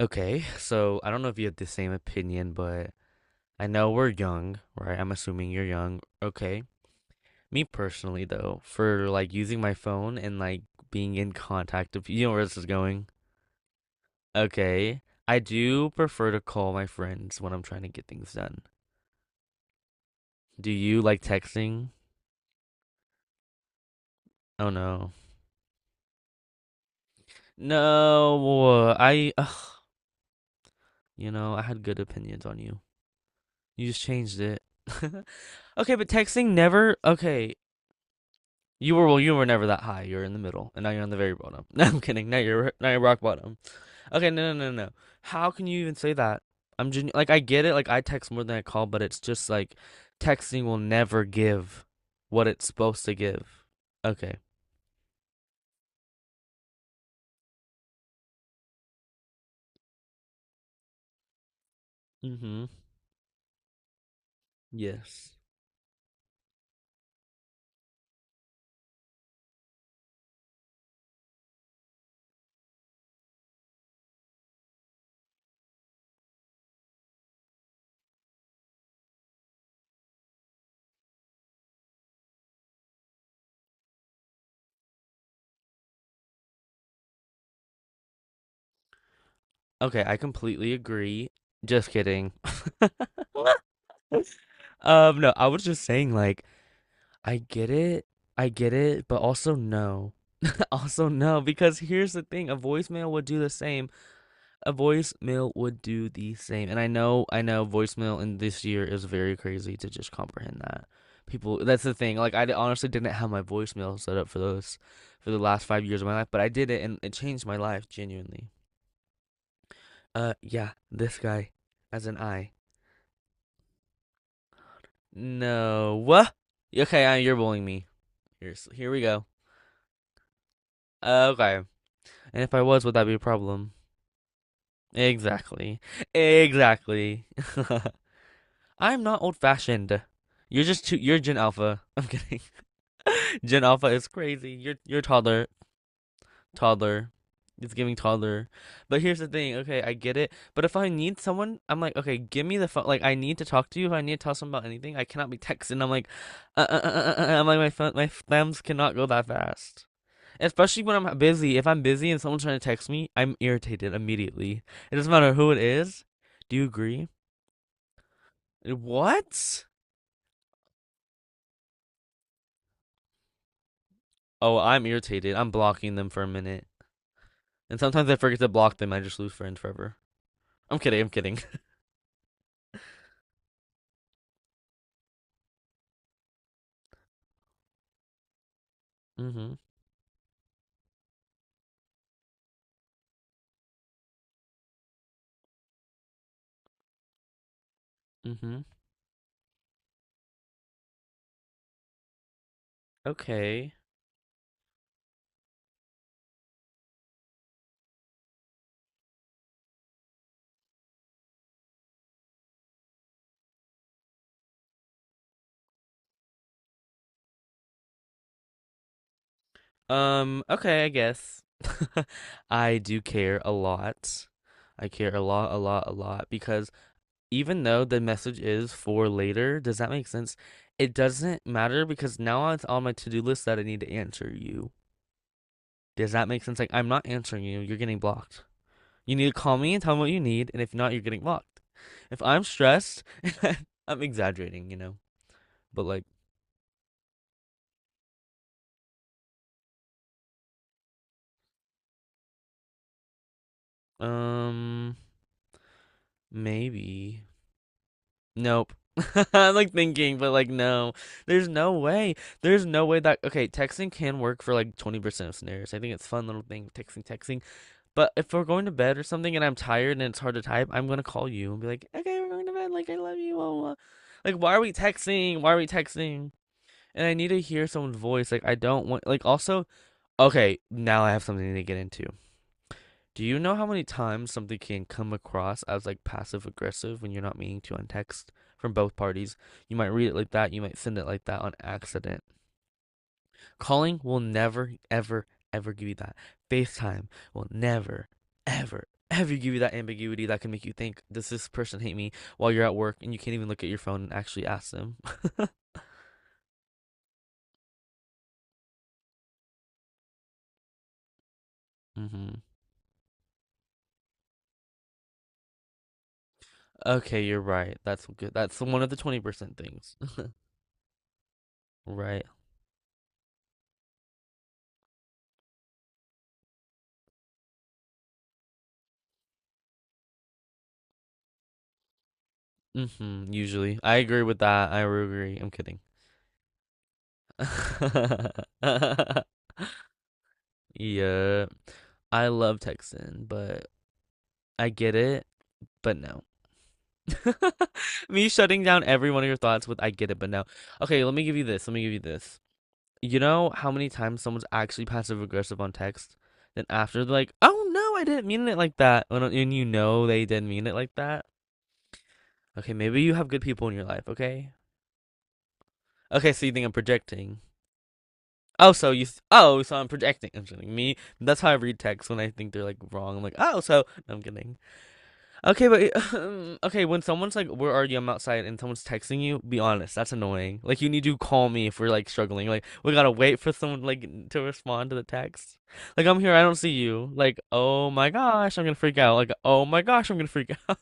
Okay, so I don't know if you have the same opinion, but I know we're young, right? I'm assuming you're young. Okay. Me personally, though, for like using my phone and like being in contact of, you know where this is going. Okay. I do prefer to call my friends when I'm trying to get things done. Do you like texting? Oh no. No, I, ugh, I had good opinions on you. You just changed it. Okay, but texting never, okay. You were never that high. You're in the middle, and now you're on the very bottom. No, I'm kidding. Now you're rock bottom. Okay, no, no, no, no. How can you even say that? Like I get it. Like I text more than I call, but it's just like texting will never give what it's supposed to give. Okay. Mm-hmm. Yes. Okay, I completely agree. Just kidding. No, I was just saying like I get it. I get it, but also no. Also no, because here's the thing, a voicemail would do the same. A voicemail would do the same, and I know voicemail in this year is very crazy to just comprehend that. People that's the thing, like, I honestly didn't have my voicemail set up for those for the last 5 years of my life, but I did it, and it changed my life genuinely. Yeah, this guy, as an I. No, what? Okay, I you're bullying me. Here we go. Okay. And if I was, would that be a problem? Exactly. Exactly. I'm not old fashioned. You're just too. You're Gen Alpha. I'm kidding. Gen Alpha is crazy. You're toddler. Toddler. It's giving toddler. But here's the thing. Okay, I get it. But if I need someone, I'm like, okay, give me the phone. Like, I need to talk to you. If I need to tell someone about anything, I cannot be texting. I'm like, my phone, my thumbs cannot go that fast. Especially when I'm busy. If I'm busy and someone's trying to text me, I'm irritated immediately. It doesn't matter who it is. Do you agree? What? Oh, I'm irritated. I'm blocking them for a minute. And sometimes I forget to block them. I just lose friends forever. I'm kidding. I'm kidding. Mm-hmm. Mm-hmm. Okay. Okay, I guess. I do care a lot. I care a lot, a lot, a lot because even though the message is for later, does that make sense? It doesn't matter because now it's on my to-do list that I need to answer you. Does that make sense? Like, I'm not answering you. You're getting blocked. You need to call me and tell me what you need, and if not, you're getting blocked. If I'm stressed, I'm exaggerating. But like, um, maybe. Nope. I'm like thinking, but like, no. There's no way. There's no way that okay, texting can work for like 20% of scenarios. I think it's a fun little thing, texting, texting. But if we're going to bed or something and I'm tired and it's hard to type, I'm gonna call you and be like, okay, we're going to bed. Like, I love you. Blah, blah, like, why are we texting? Why are we texting? And I need to hear someone's voice. Like, I don't want like also okay, now I have something to get into. Do you know how many times something can come across as like passive aggressive when you're not meaning to on text from both parties? You might read it like that, you might send it like that on accident. Calling will never, ever, ever give you that. FaceTime will never, ever, ever give you that ambiguity that can make you think, does this person hate me while you're at work and you can't even look at your phone and actually ask them? Hmm. Okay, you're right. That's good. That's one of the 20% things. Right. Hmm. Usually. I agree with that. I will agree. I'm kidding. Yeah. I love texting, but I get it, but no. Me shutting down every one of your thoughts with I get it, but no. Okay, let me give you this. Let me give you this. You know how many times someone's actually passive aggressive on text? Then after they're like, oh no, I didn't mean it like that. And you know they didn't mean it like that. Okay, maybe you have good people in your life, okay? Okay, so you think I'm projecting. Oh, so you? Oh, so I'm projecting. I'm kidding. Me. That's how I read texts when I think they're like wrong. I'm like, oh, so no, I'm kidding. Okay, but okay, when someone's like, "Where are you?" I'm outside, and someone's texting you. Be honest. That's annoying. Like, you need to call me if we're like struggling. Like, we gotta wait for someone like to respond to the text. Like, I'm here. I don't see you. Like, oh my gosh, I'm gonna freak out. Like, oh my gosh, I'm gonna freak out.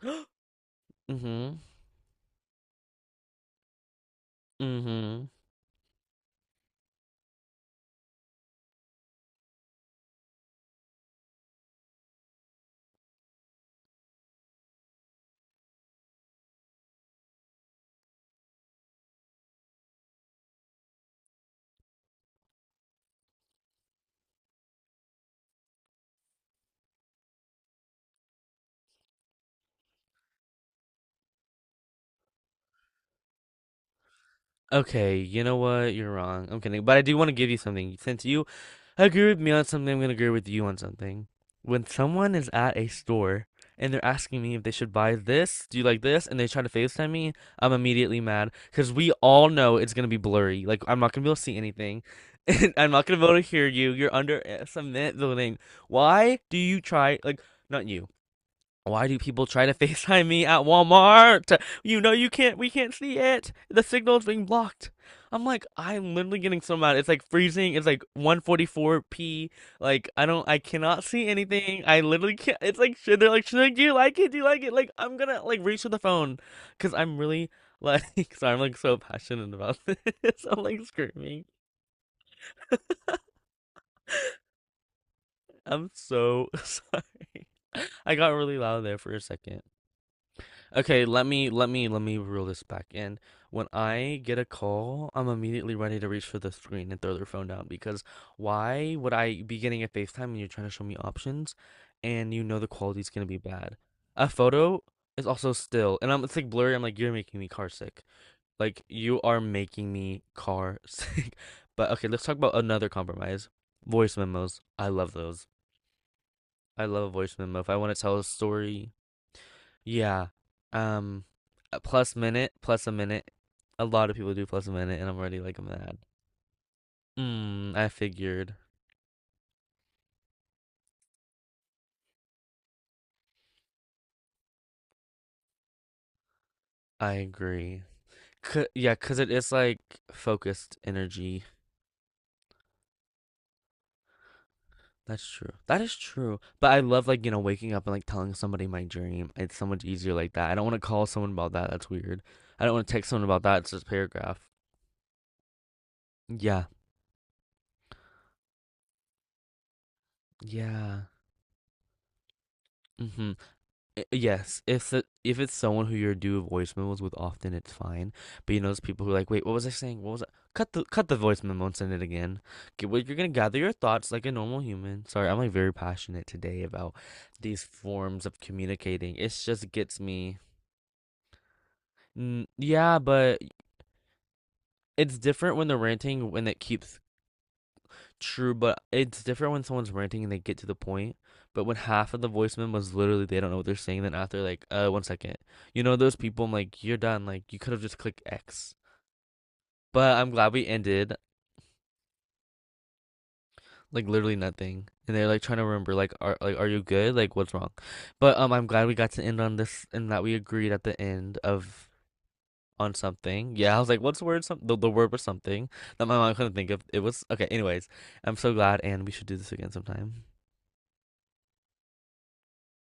Mm-hmm. Mm-hmm. Okay, you know what? You're wrong. I'm kidding. But I do want to give you something. Since you agree with me on something, I'm going to agree with you on something. When someone is at a store and they're asking me if they should buy this, do you like this? And they try to FaceTime me, I'm immediately mad because we all know it's going to be blurry. Like, I'm not going to be able to see anything. And I'm not going to be able to hear you. You're under some net building. Why do you try, like, not you. Why do people try to FaceTime me at Walmart? You know you can't we can't see it. The signal's being blocked. I'm literally getting so mad. It's like freezing. It's like 144p. Like I cannot see anything. I literally can't, it's like should they're like, should I do you like it? Do you like it? Like I'm gonna like reach for the phone. Cause I'm really like sorry, I'm like so passionate about this. I'm like screaming. I'm so sorry. I got really loud there for a second. Okay, let me reel this back in. When I get a call, I'm immediately ready to reach for the screen and throw their phone down because why would I be getting a FaceTime and you're trying to show me options and you know the quality's gonna be bad? A photo is also still, and I'm it's like blurry. I'm like, you're making me car sick. Like you are making me car sick. But okay, let's talk about another compromise. Voice memos. I love those. I love a voice memo. If I want to tell a story, yeah. Um, a plus minute, plus a minute. A lot of people do plus a minute, and I'm already like mad. I figured. I agree. C cause it is like focused energy. That's true. That is true. But I love like, waking up and like telling somebody my dream. It's so much easier like that. I don't want to call someone about that. That's weird. I don't want to text someone about that. It's just a paragraph. Yeah. Yeah. hmm Yes, if if it's someone who you are do voice memos with often, it's fine. But those people who are like, wait, what was I saying? What was I? Cut the voice memo and send it again. Okay, well, you're gonna gather your thoughts like a normal human. Sorry, I'm like very passionate today about these forms of communicating. It just gets me. Yeah, but it's different when they're ranting when it keeps. True, but it's different when someone's ranting and they get to the point. But when half of the voicemail was literally they don't know what they're saying, then after like, 1 second, you know those people. I'm like, you're done. Like you could have just clicked X. But I'm glad we ended like literally nothing, and they're like trying to remember like are you good? Like what's wrong? But I'm glad we got to end on this and that we agreed at the end of on something. Yeah, I was like, what's the word? The word was something that my mom couldn't think of. It was okay. Anyways, I'm so glad, and we should do this again sometime.